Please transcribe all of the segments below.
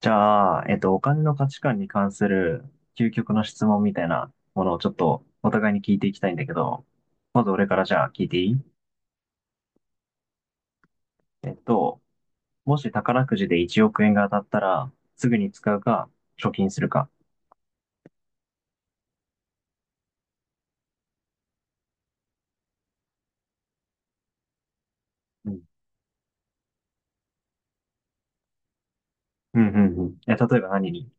じゃあ、お金の価値観に関する究極の質問みたいなものをちょっとお互いに聞いていきたいんだけど、まず俺からじゃあ聞いていい？えっと、もし宝くじで1億円が当たったら、すぐに使うか、貯金するか。うん、うん、うんうん。え、例えば何に？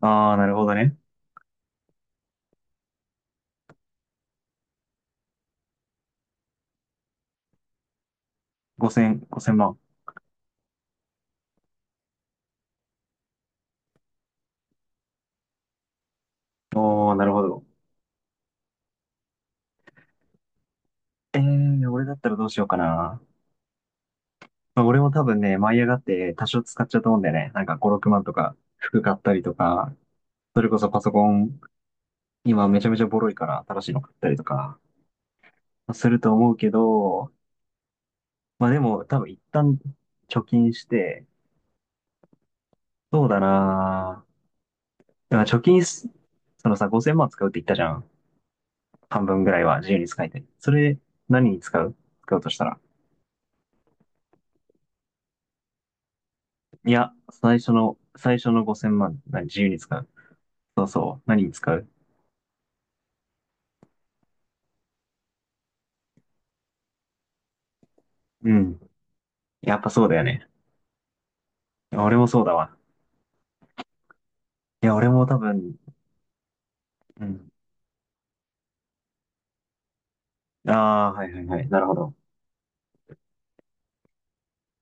ああー、なるほどね。5000万。おー、なるほど。俺だったらどうしようかな。まあ、俺も多分ね、舞い上がって多少使っちゃうと思うんだよね。なんか5、6万とか、服買ったりとか、それこそパソコン今めちゃめちゃボロいから新しいの買ったりとかすると思うけど、まあでも多分一旦貯金して、そうだなぁだから貯金す、そのさ、5000万使うって言ったじゃん。半分ぐらいは自由に使いたい。それ何に使う？使うとしたら。いや、最初の5000万、何、自由に使う。そうそう。何に使う？うん。やっぱそうだよね。俺もそうだわ。いや、俺も多分、うん。ああ、はいはいはい。なるほど。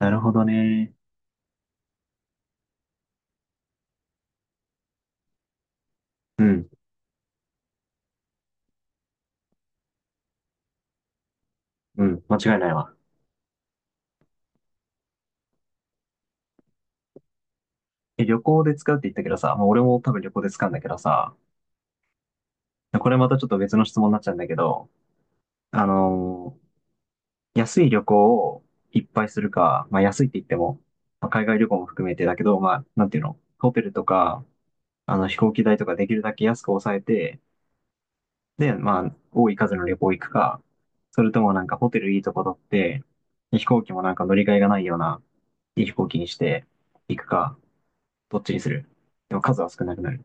なるほどね。うん。うん。間違いないわ。え、旅行で使うって言ったけどさ、まあ、俺も多分旅行で使うんだけどさ、これまたちょっと別の質問になっちゃうんだけど、あのー安い旅行をいっぱいするか、まあ安いって言っても、まあ海外旅行も含めてだけど、まあ、なんていうの、ホテルとか、あの飛行機代とかできるだけ安く抑えて、で、まあ、多い数の旅行行くか、それともなんかホテルいいとこ取って、で飛行機もなんか乗り換えがないような、いい飛行機にして行くか、どっちにする？でも数は少なくなる。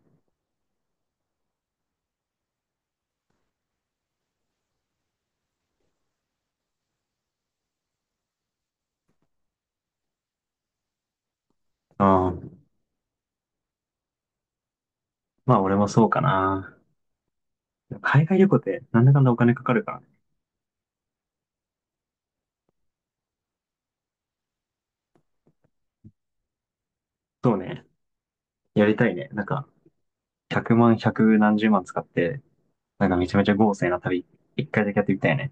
ああ。まあ俺もそうかな。海外旅行ってなんだかんだお金かかるからね。そうね。やりたいね。なんか、100万、100何十万使って、なんかめちゃめちゃ豪勢な旅、一回だけやってみたいね。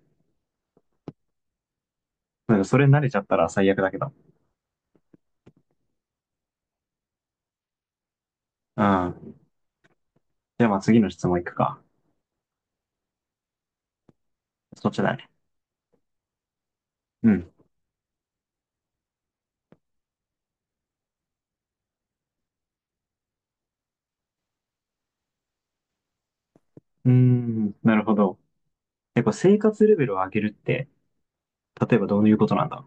なんかそれ慣れちゃったら最悪だけど。うん。じゃあまあ次の質問いくか。そっちだね。うん。うーん、なるほど。やっぱ生活レベルを上げるって、例えばどういうことなんだ？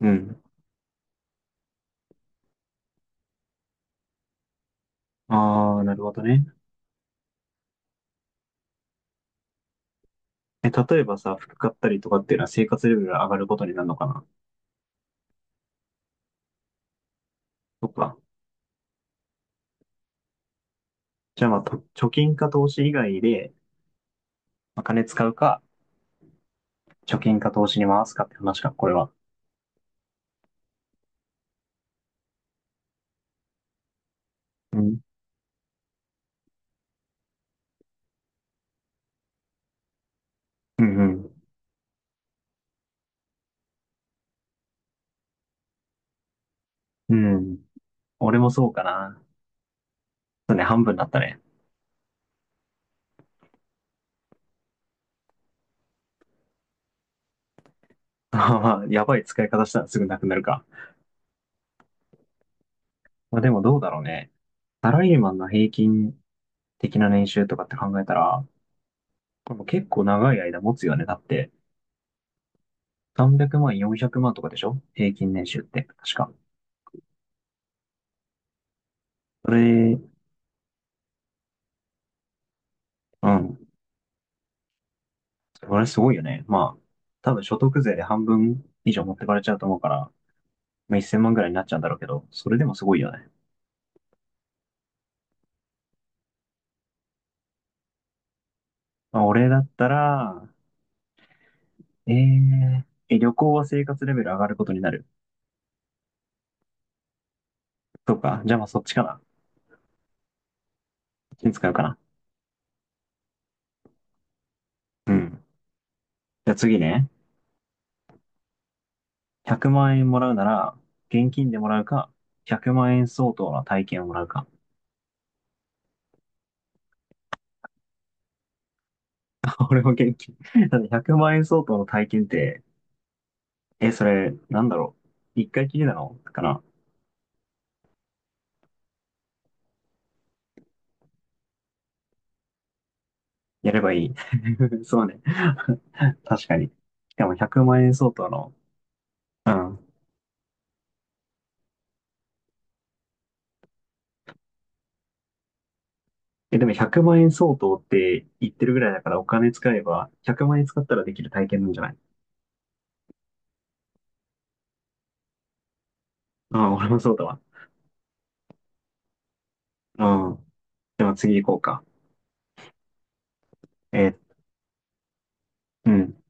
うん。ああ、なるほどね。え、例えばさ、服買ったりとかっていうのは生活レベルが上がることになるのかな？そっか。じゃあまあ、と貯金か投資以外で、まあ、金使うか、貯金か投資に回すかって話か、これは。うん。うんうん。うん。俺もそうかな。そうね、半分になったね。まあ、やばい使い方したらすぐなくなるか。まあでもどうだろうね。サラリーマンの平均的な年収とかって考えたら、これも結構長い間持つよね。だって、300万、400万とかでしょ平均年収って、確か。それ、うん。それすごいよね。まあ、多分所得税で半分以上持ってかれちゃうと思うから、まあ、1000万ぐらいになっちゃうんだろうけど、それでもすごいよね。まあ、俺だったら、えー、え、旅行は生活レベル上がることになる？そうか。じゃあまあそっちかな。そっちに使うかな。うん。じゃあ次ね。100万円もらうなら、現金でもらうか、100万円相当の体験をもらうか。俺も現金。だって100万円相当の体験って、え、それ、なんだろう。一回きりなのかな。やればいい。そうね。確かに。しかも100万円相当の、うん。え、でも100万円相当って言ってるぐらいだからお金使えば100万円使ったらできる体験なんじゃない？ああ、俺もそうだわ。うん。でも次行こうか。えーうん。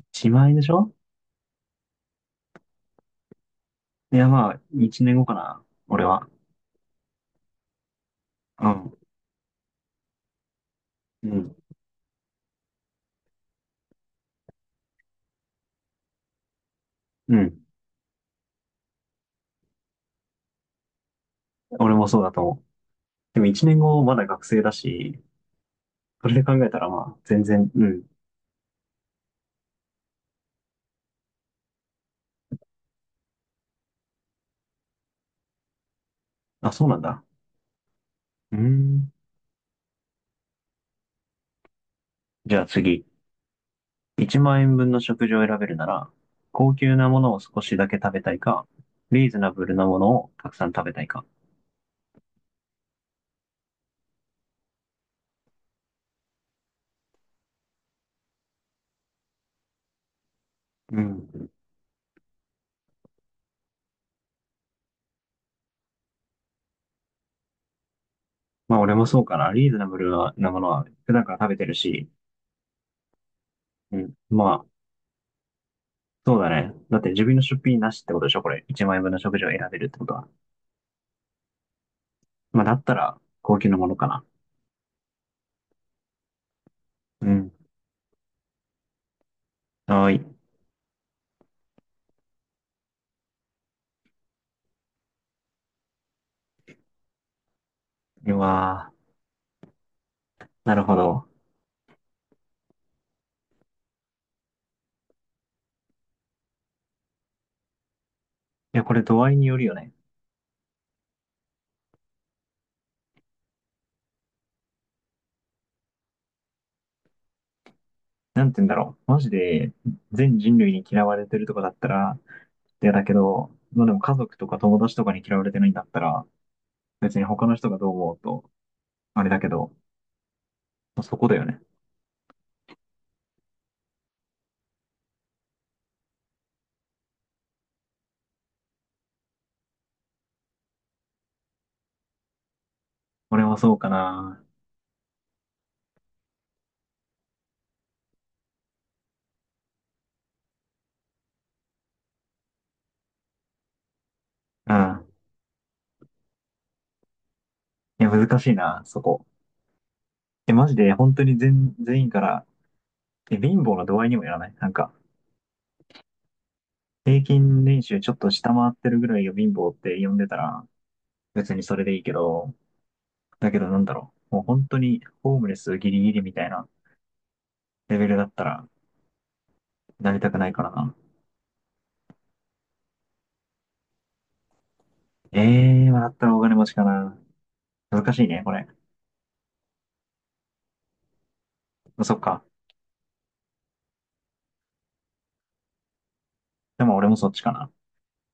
1万円でしょ？いや、まあ、1年後かな。俺は。うん。うん。うん。俺もそうだと思う。でも1年後まだ学生だし、それで考えたらまあ、全然、うん。あ、そうなんだ。うーん。じゃあ次。1万円分の食事を選べるなら、高級なものを少しだけ食べたいか、リーズナブルなものをたくさん食べたいか。うん。まあ俺もそうかな。リーズナブルなものは普段から食べてるし、うん。まあ、そうだね。だって自分の出費なしってことでしょこれ。1万円分の食事を選べるってことは。まあだったら、高級なものかな。うん。はーい。うわー。なるほど。いや、これ度合いによるよね。なんて言うんだろう。マジで、全人類に嫌われてるとかだったら、いやだけど、まあでも家族とか友達とかに嫌われてないんだったら、別に他の人がどう思おうと、あれだけど、そこだよね。俺もそうかな。うん。いや、難しいな、そこ。え、マジで、本当に全員から、え、貧乏の度合いにもやらないなんか、平均年収ちょっと下回ってるぐらいが貧乏って呼んでたら、別にそれでいいけど、だけどなんだろう。もう本当に、ホームレスギリギリみたいなレベルだったら、なりたくないからな。ええー、まあだったらお金持ちかな。難しいね、これ。そっか。でも俺もそっちかな。